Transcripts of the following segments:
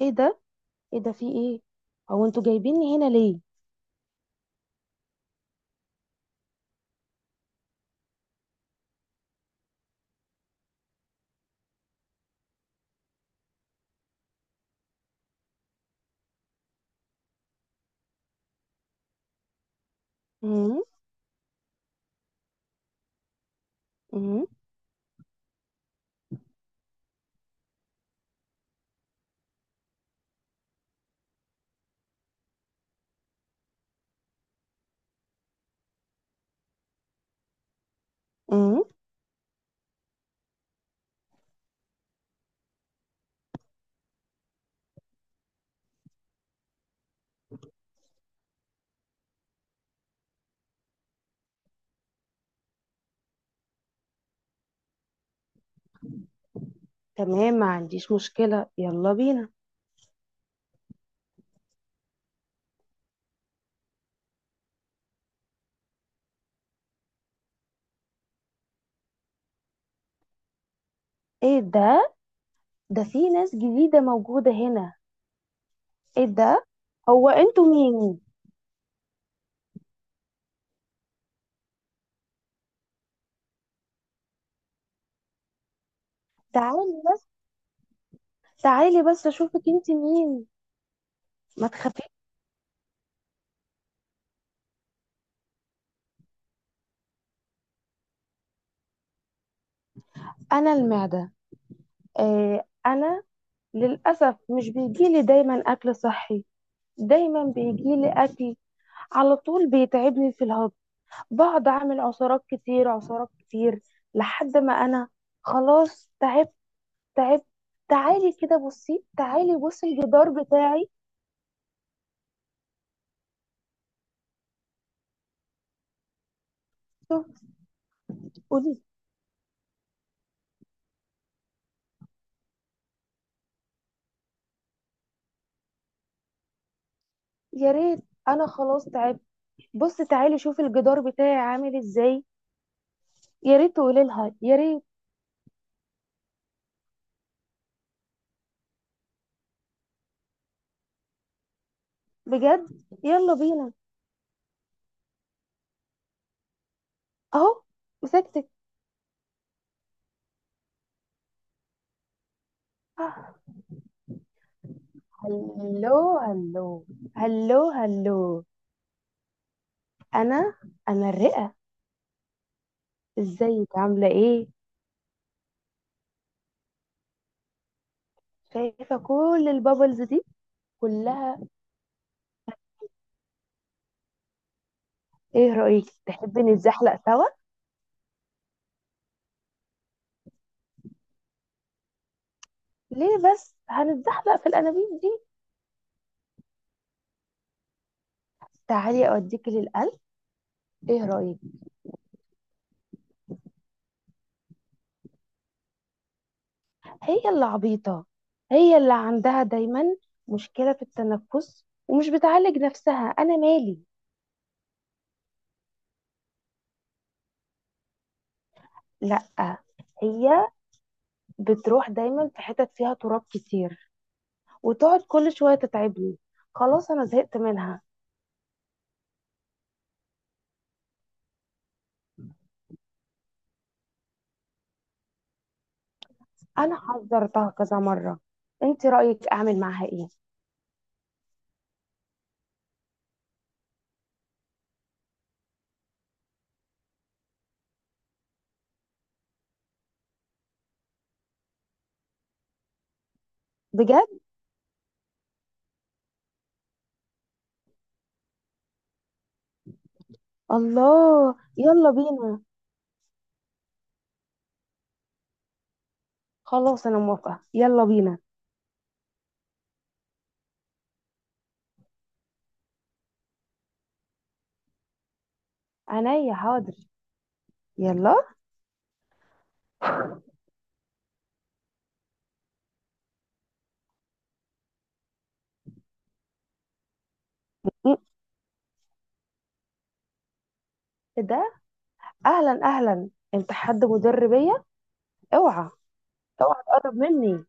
ايه ده؟ ايه ده، في ايه؟ هو انتوا جايبيني هنا ليه؟ امم. امم. امم. تمام، ما عنديش مشكلة، يلا بينا. ايه ده؟ ده في ناس جديدة موجودة هنا. ايه ده؟ هو انتوا مين؟ تعالي، تعالي بس اشوفك انت مين. ما تخافي. انا المعدة. آه، انا للأسف مش بيجيلي دايما اكل صحي. دايما بيجيلي اكل على طول بيتعبني في الهضم. بقعد اعمل عصارات كتير، عصارات كتير، لحد ما انا خلاص تعبت، تعبت. تعالي كده بصي، تعالي بصي الجدار بتاعي. شوف. قولي. يا ريت. انا خلاص تعبت. بص تعالي شوفي الجدار بتاعي عامل ازاي. يا ريت تقولي لها، يا ريت. بجد؟ يلا بينا. اهو، مسكتك. آه. هلو هلو، هلو هلو. انا انا الرئة. ازيك، عاملة ايه؟ شايفة كل البابلز دي؟ كلها. ايه رأيك تحبي نتزحلق سوا؟ ليه بس؟ هنتزحلق في الانابيب دي. تعالي اوديكي للقلب. ايه رأيك؟ هي اللي عبيطة، هي اللي عندها دايما مشكلة في التنفس ومش بتعالج نفسها، أنا مالي. لأ. هي بتروح دايما في حتت فيها تراب كتير، وتقعد كل شوية تتعبني. خلاص أنا زهقت منها. أنا حذرتها كذا مرة. أنت رأيك أعمل معاها إيه؟ بجد؟ الله، يلا بينا. خلاص أنا موافقة، يلا بينا. عينيا، حاضر. يلا. م- إيه ده؟ أهلا أهلا، أنت حد مدربية؟ اوعى، اوعى تقرب مني.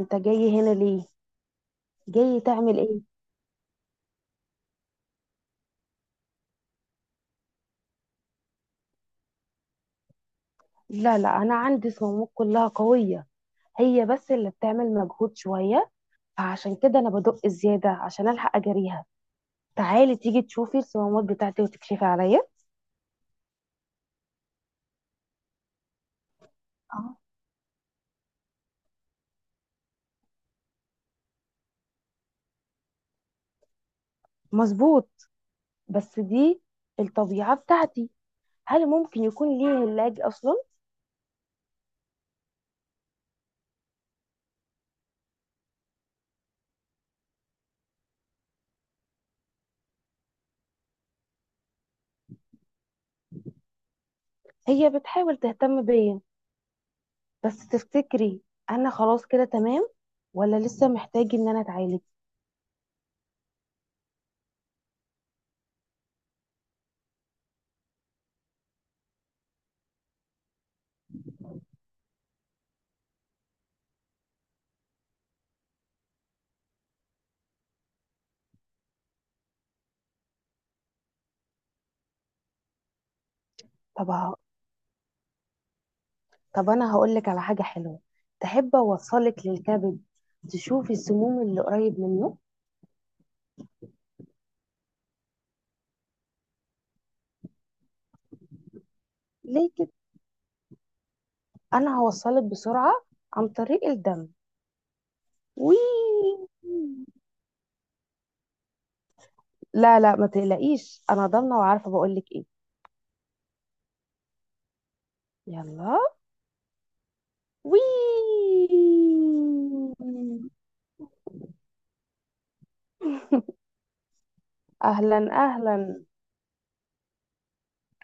انت جاي هنا ليه؟ جاي تعمل ايه؟ لا لا، انا عندي صمامات كلها قويه. هي بس اللي بتعمل مجهود شويه، فعشان كده انا بدق زياده عشان الحق اجريها. تعالي، تيجي تشوفي الصمامات بتاعتي وتكشفي عليا. اه. مظبوط، بس دي الطبيعه بتاعتي. هل ممكن يكون ليه علاج اصلا؟ هي بتحاول تهتم بيا، بس تفتكري انا خلاص كده تمام ولا لسه محتاج ان انا اتعالج؟ طب، طب انا هقول لك على حاجه حلوه. تحب اوصلك للكبد؟ تشوفي السموم اللي قريب منه. ليه كده؟ انا هوصلك بسرعه عن طريق الدم. وي! لا لا، ما تقلقيش، انا ضامنه وعارفه، بقول لك ايه. يلا. وي! اهلا اهلا.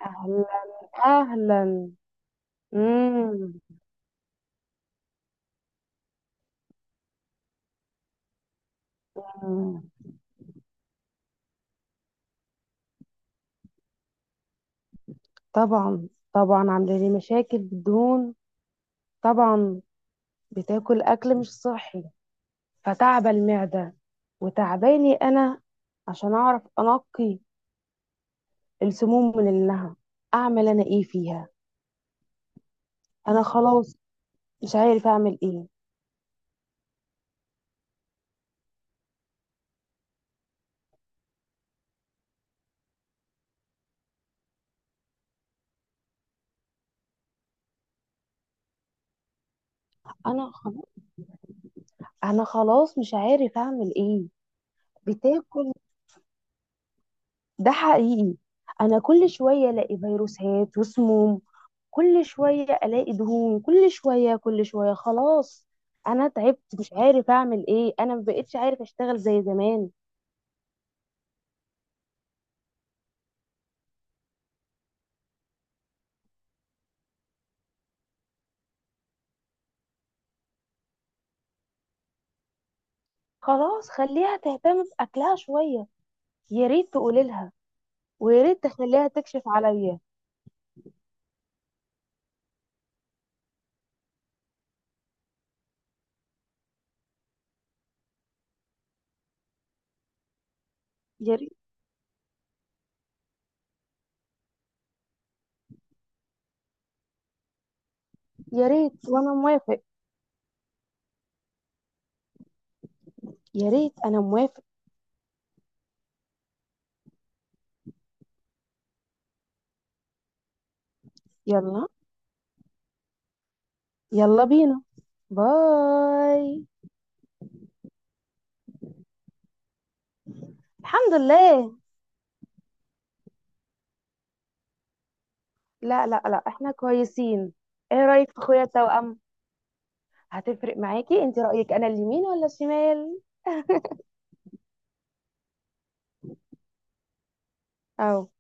اهلا اهلا. مم. مم. طبعا طبعا، عامله لي مشاكل بالدهون. طبعا. بتاكل اكل مش صحي، فتعب المعدة، وتعباني أنا. عشان أعرف أنقي السموم من اللحم، أعمل أنا إيه فيها؟ أنا خلاص مش عارف أعمل إيه. أنا خلاص. أنا خلاص مش عارف أعمل إيه. بتاكل، ده حقيقي. أنا كل شوية ألاقي فيروسات وسموم، كل شوية ألاقي دهون، كل شوية، كل شوية. خلاص أنا تعبت، مش عارف أعمل إيه، أنا مبقتش عارف أشتغل زي زمان. خلاص، خليها تهتم بأكلها شوية. يا ريت تقولي لها، ويا ريت تخليها تكشف عليا. يا ريت. يا ريت، وانا موافق. يا ريت، انا موافق. يلا. يلا بينا، باي. الحمد لله. لا لا لا، احنا كويسين. ايه رايك في اخويا التوأم؟ هتفرق معاكي؟ انت رايك انا اليمين ولا الشمال؟ او،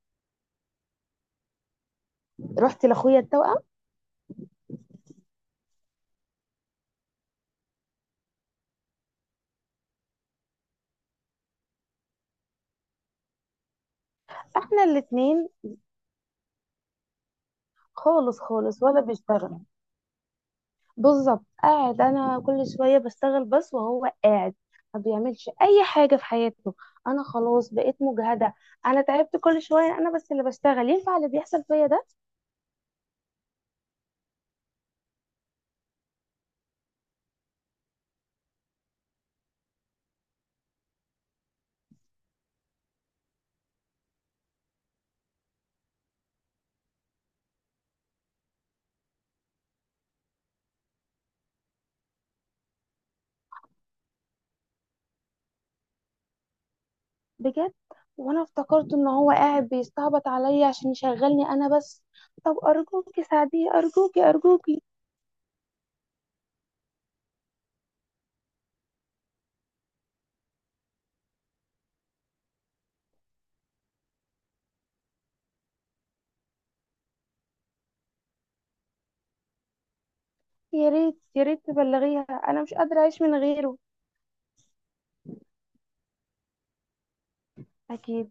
رحت لاخويا التوأم. احنا الاتنين. خالص خالص، ولا بيشتغل. بالظبط، قاعد انا كل شويه بشتغل بس وهو قاعد، ما بيعملش اي حاجه في حياته. انا خلاص بقيت مجهده، انا تعبت. كل شويه انا بس اللي بشتغل. ينفع اللي بيحصل فيا ده؟ بجد؟ وانا افتكرت ان هو قاعد بيستعبط عليا عشان يشغلني انا بس. طب ارجوكي ساعديه، ارجوكي، ارجوكي. يا ريت، يا ريت تبلغيها انا مش قادره اعيش من غيره. اكيد.